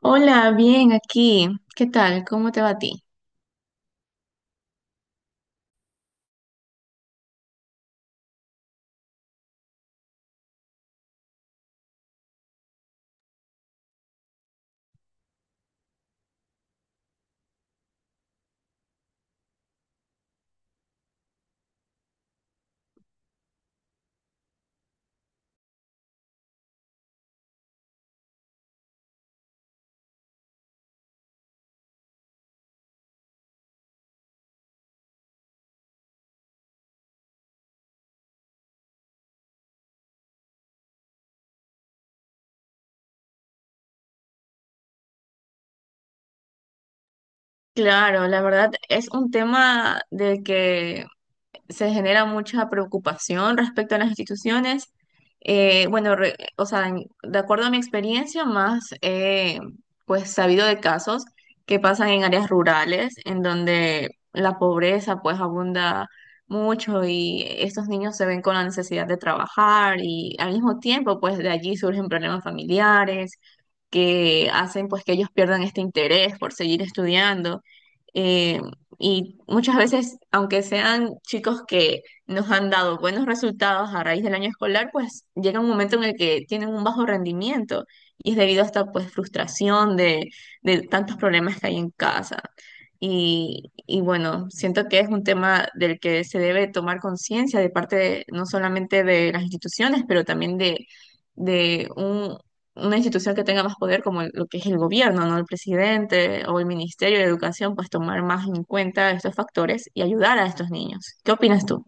Hola, bien aquí. ¿Qué tal? ¿Cómo te va a ti? Claro, la verdad es un tema del que se genera mucha preocupación respecto a las instituciones. De acuerdo a mi experiencia, más he, pues sabido de casos que pasan en áreas rurales, en donde la pobreza pues abunda mucho, y estos niños se ven con la necesidad de trabajar y, al mismo tiempo, pues de allí surgen problemas familiares que hacen pues que ellos pierdan este interés por seguir estudiando. Eh, y muchas veces, aunque sean chicos que nos han dado buenos resultados a raíz del año escolar, pues llega un momento en el que tienen un bajo rendimiento, y es debido a esta pues frustración de tantos problemas que hay en casa. Y bueno, siento que es un tema del que se debe tomar conciencia de parte de- no solamente de las instituciones, pero también de una institución que tenga más poder como el- lo que es el gobierno, ¿no? El presidente o el Ministerio de Educación, pues tomar más en cuenta estos factores y ayudar a estos niños. ¿Qué opinas tú?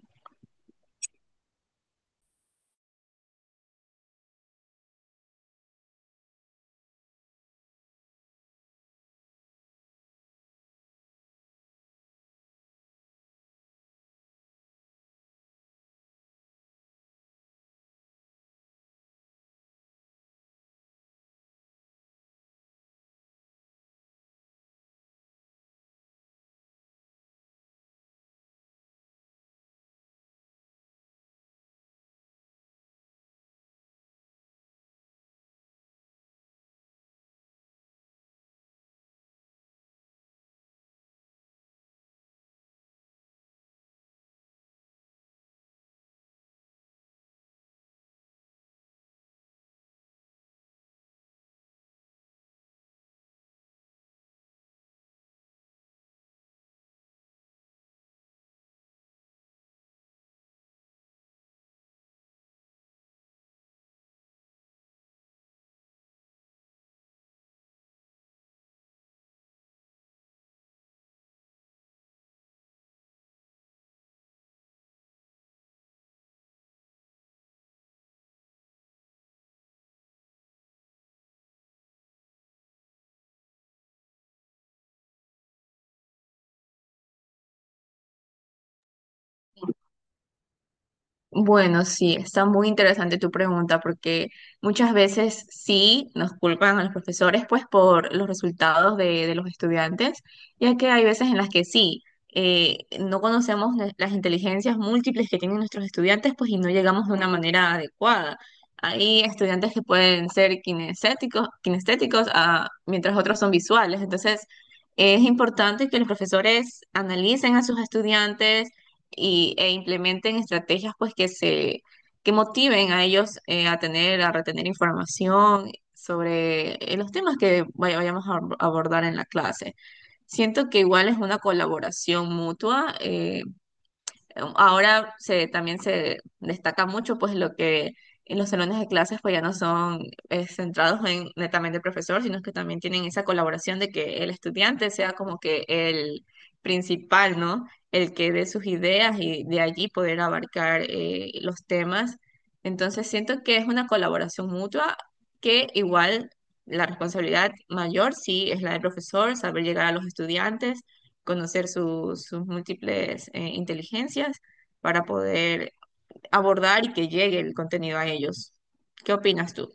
Bueno, sí, está muy interesante tu pregunta, porque muchas veces sí nos culpan a los profesores pues por los resultados de los estudiantes, ya que hay veces en las que sí, no conocemos la- las inteligencias múltiples que tienen nuestros estudiantes, pues, y no llegamos de una manera adecuada. Hay estudiantes que pueden ser kinestéticos, kinestéticos, ah, mientras otros son visuales. Entonces es importante que los profesores analicen a sus estudiantes y, e implementen estrategias pues que motiven a ellos a tener, a retener información sobre los temas que vayamos a abordar en la clase. Siento que igual es una colaboración mutua. Ahora se, también se destaca mucho pues lo que en los salones de clases pues ya no son centrados en netamente el profesor, sino que también tienen esa colaboración de que el estudiante sea como que el principal, ¿no? El que dé sus ideas y de allí poder abarcar los temas. Entonces siento que es una colaboración mutua, que igual la responsabilidad mayor sí es la del profesor: saber llegar a los estudiantes, conocer sus múltiples inteligencias para poder abordar y que llegue el contenido a ellos. ¿Qué opinas tú?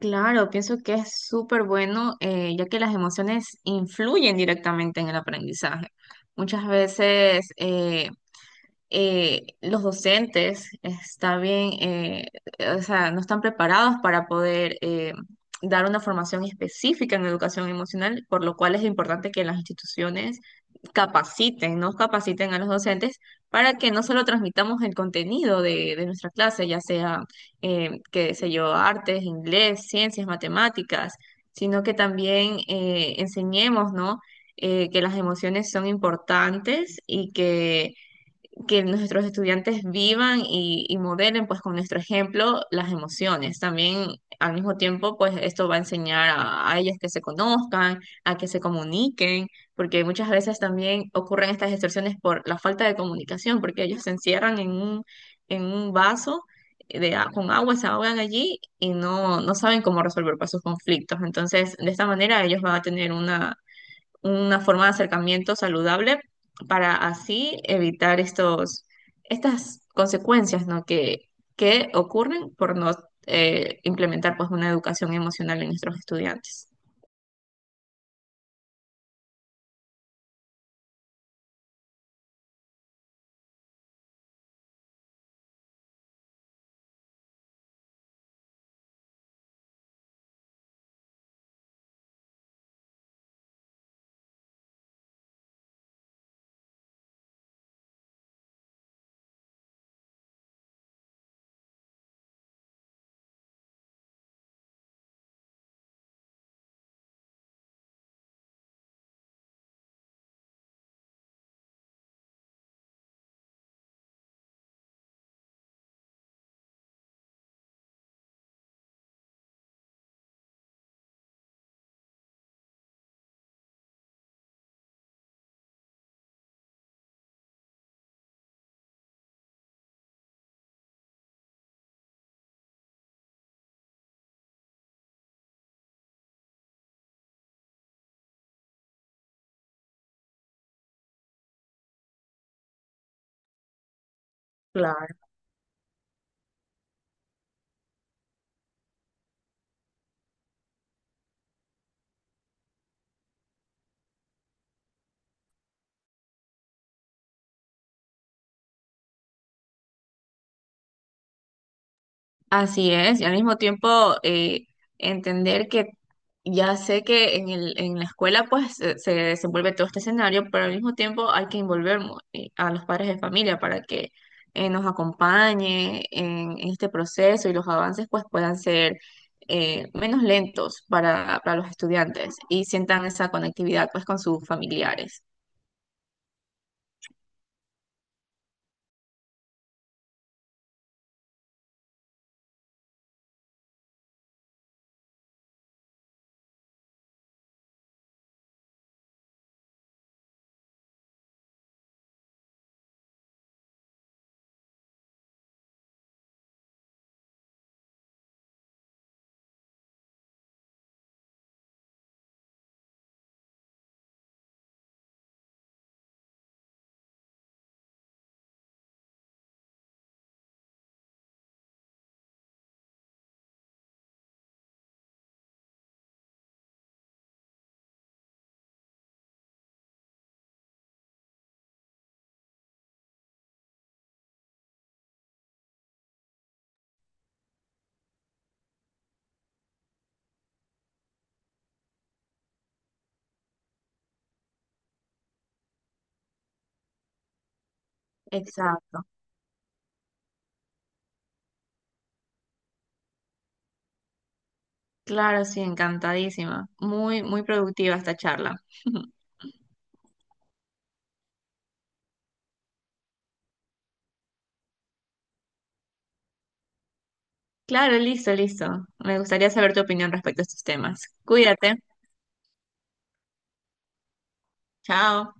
Claro, pienso que es súper bueno, ya que las emociones influyen directamente en el aprendizaje. Muchas veces los docentes está bien, no están preparados para poder dar una formación específica en educación emocional, por lo cual es importante que las instituciones capaciten, nos capaciten a los docentes para que no solo transmitamos el contenido de nuestra clase, ya sea, qué sé yo, artes, inglés, ciencias, matemáticas, sino que también enseñemos, ¿no? Que las emociones son importantes y que nuestros estudiantes vivan y modelen pues con nuestro ejemplo las emociones. También, al mismo tiempo, pues esto va a enseñar a ellos que se conozcan, a que se comuniquen, porque muchas veces también ocurren estas distorsiones por la falta de comunicación, porque ellos se encierran en un vaso de, a- con agua, se ahogan allí y no, no saben cómo resolver pues sus conflictos. Entonces, de esta manera, ellos van a tener una forma de acercamiento saludable para así evitar estos, estas consecuencias, ¿no? Que ocurren por no implementar pues una educación emocional en nuestros estudiantes. Claro. Así es, y al mismo tiempo entender que ya sé que en el, en la escuela pues se desenvuelve todo este escenario, pero al mismo tiempo hay que involucrar a los padres de familia para que nos acompañe en este proceso, y los avances pues puedan ser menos lentos para los estudiantes, y sientan esa conectividad pues con sus familiares. Exacto. Claro, sí, encantadísima. Muy, muy productiva esta charla. Claro, listo, listo. Me gustaría saber tu opinión respecto a estos temas. Cuídate. Chao.